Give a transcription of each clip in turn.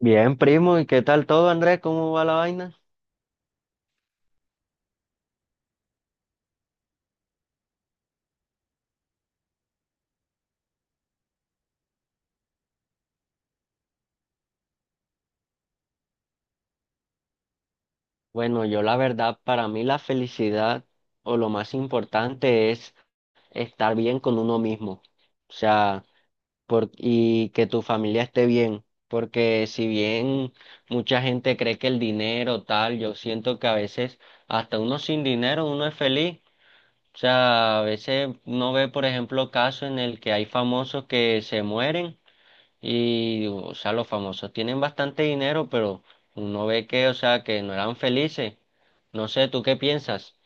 Bien, primo, ¿y qué tal todo, Andrés? ¿Cómo va la vaina? Bueno, yo la verdad, para mí la felicidad o lo más importante es estar bien con uno mismo, o sea, y que tu familia esté bien, porque si bien mucha gente cree que el dinero tal, yo siento que a veces hasta uno sin dinero uno es feliz, o sea, a veces uno ve, por ejemplo, casos en el que hay famosos que se mueren. Y, o sea, los famosos tienen bastante dinero, pero uno ve que, o sea, que no eran felices. No sé, ¿tú qué piensas?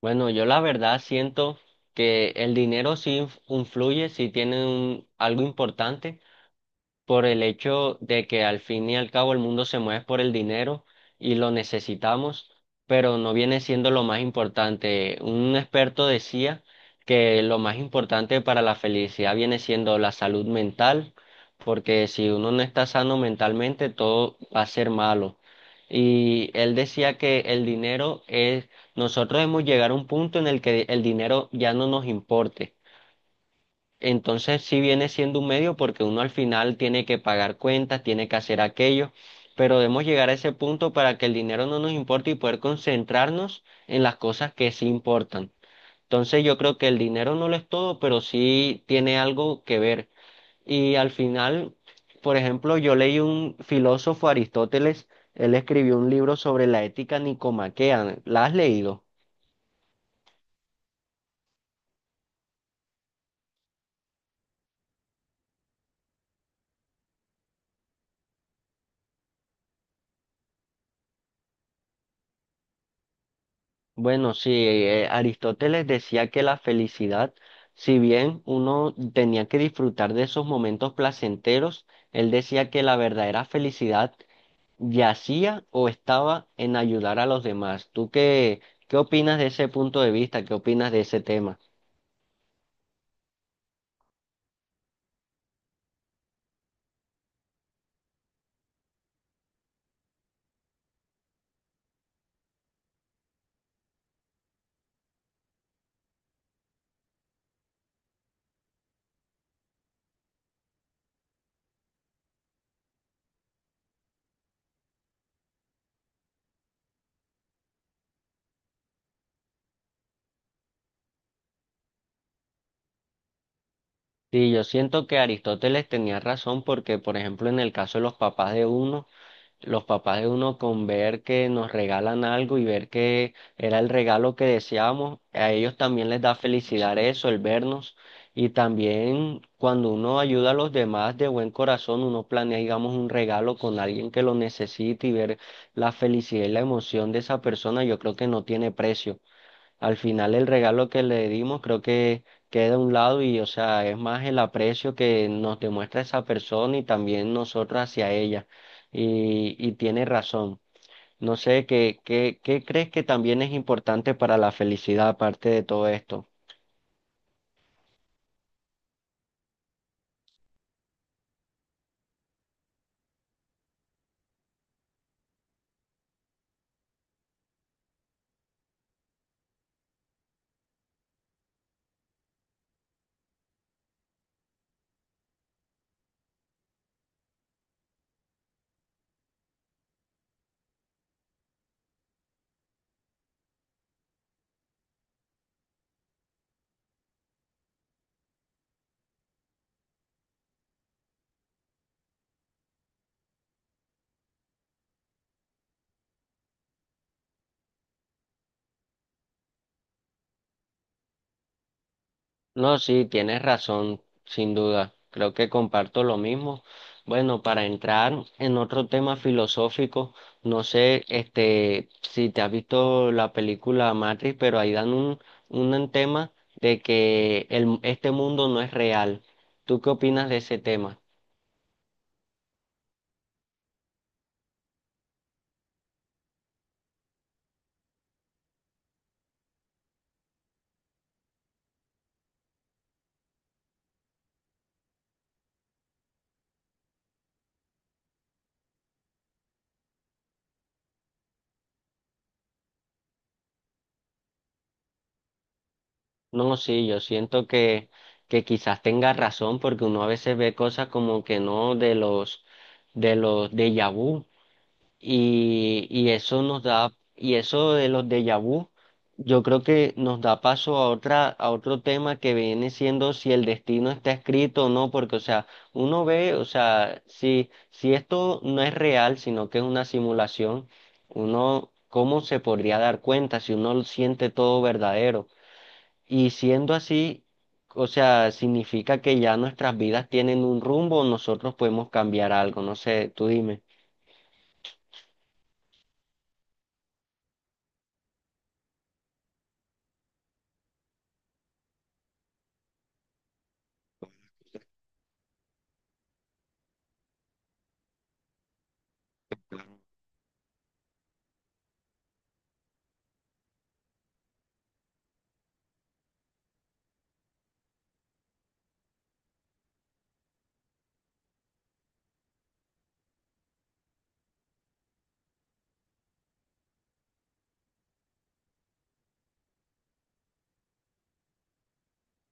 Bueno, yo la verdad siento que el dinero sí influye, sí tiene algo importante por el hecho de que al fin y al cabo el mundo se mueve por el dinero y lo necesitamos, pero no viene siendo lo más importante. Un experto decía que lo más importante para la felicidad viene siendo la salud mental, porque si uno no está sano mentalmente, todo va a ser malo. Y él decía que el dinero es, nosotros hemos llegado a un punto en el que el dinero ya no nos importe, entonces sí viene siendo un medio porque uno al final tiene que pagar cuentas, tiene que hacer aquello, pero debemos llegar a ese punto para que el dinero no nos importe y poder concentrarnos en las cosas que sí importan. Entonces yo creo que el dinero no lo es todo, pero sí tiene algo que ver. Y al final, por ejemplo, yo leí un filósofo, Aristóteles. Él escribió un libro sobre la ética nicomaquea. ¿La has leído? Bueno, sí, Aristóteles decía que la felicidad, si bien uno tenía que disfrutar de esos momentos placenteros, él decía que la verdadera felicidad yacía o estaba en ayudar a los demás. ¿Tú qué opinas de ese punto de vista? ¿Qué opinas de ese tema? Sí, yo siento que Aristóteles tenía razón porque, por ejemplo, en el caso de los papás de uno, los papás de uno, con ver que nos regalan algo y ver que era el regalo que deseábamos, a ellos también les da felicidad eso, el vernos. Y también cuando uno ayuda a los demás de buen corazón, uno planea, digamos, un regalo con alguien que lo necesite y ver la felicidad y la emoción de esa persona, yo creo que no tiene precio. Al final el regalo que le dimos creo que queda a un lado y, o sea, es más el aprecio que nos demuestra esa persona y también nosotros hacia ella. Y tiene razón. No sé, ¿qué crees que también es importante para la felicidad aparte de todo esto? No, sí, tienes razón, sin duda. Creo que comparto lo mismo. Bueno, para entrar en otro tema filosófico, no sé, este, si te has visto la película Matrix, pero ahí dan un tema de que este mundo no es real. ¿Tú qué opinas de ese tema? No, sí, yo siento que quizás tengas razón, porque uno a veces ve cosas como que no de los déjà vu. Y eso nos da, y eso de los déjà vu, yo creo que nos da paso a a otro tema que viene siendo si el destino está escrito o no, porque, o sea, uno ve, o sea, si esto no es real, sino que es una simulación, uno, ¿cómo se podría dar cuenta si uno lo siente todo verdadero? Y siendo así, o sea, significa que ya nuestras vidas tienen un rumbo, nosotros podemos cambiar algo, no sé, tú dime.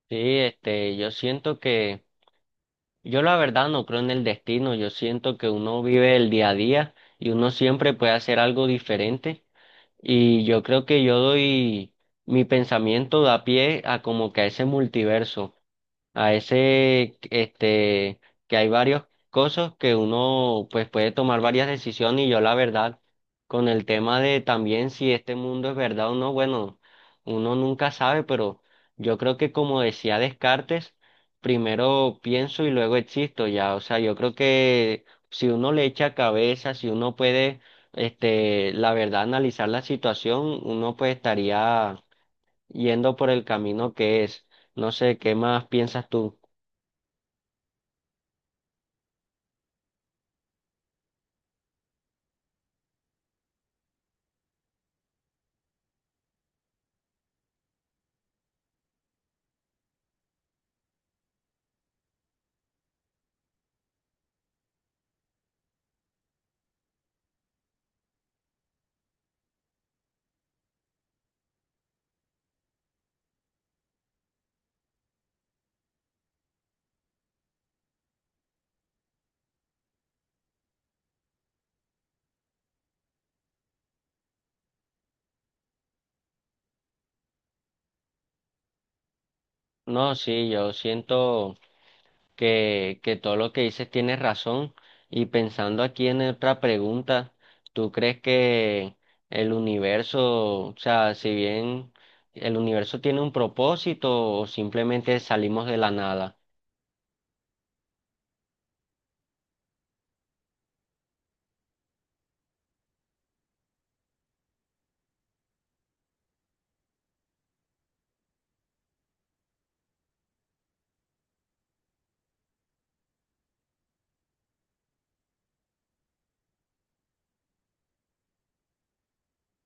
Sí, este, yo siento que, yo la verdad no creo en el destino, yo siento que uno vive el día a día y uno siempre puede hacer algo diferente y yo creo que yo doy mi pensamiento, da pie a como que a ese multiverso, a ese, este, que hay varios cosas que uno pues puede tomar varias decisiones y yo la verdad, con el tema de también si este mundo es verdad o no, bueno, uno nunca sabe, pero yo creo que como decía Descartes, primero pienso y luego existo ya, o sea, yo creo que si uno le echa cabeza, si uno puede, este, la verdad, analizar la situación, uno pues estaría yendo por el camino que es. No sé, ¿qué más piensas tú? No, sí, yo siento que todo lo que dices tienes razón. Y pensando aquí en otra pregunta, ¿tú crees que el universo, o sea, si bien el universo tiene un propósito o simplemente salimos de la nada?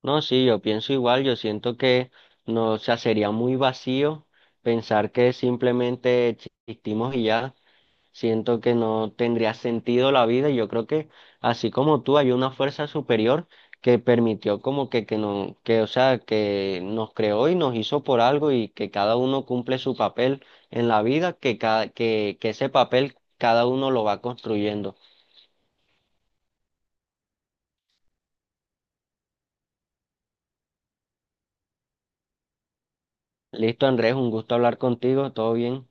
No, sí, yo pienso igual, yo siento que no, o sea, sería muy vacío pensar que simplemente existimos y ya. Siento que no tendría sentido la vida y yo creo que así como tú, hay una fuerza superior que permitió como que no, que, o sea, que nos creó y nos hizo por algo y que cada uno cumple su papel en la vida, que ese papel cada uno lo va construyendo. Listo, Andrés, un gusto hablar contigo, todo bien.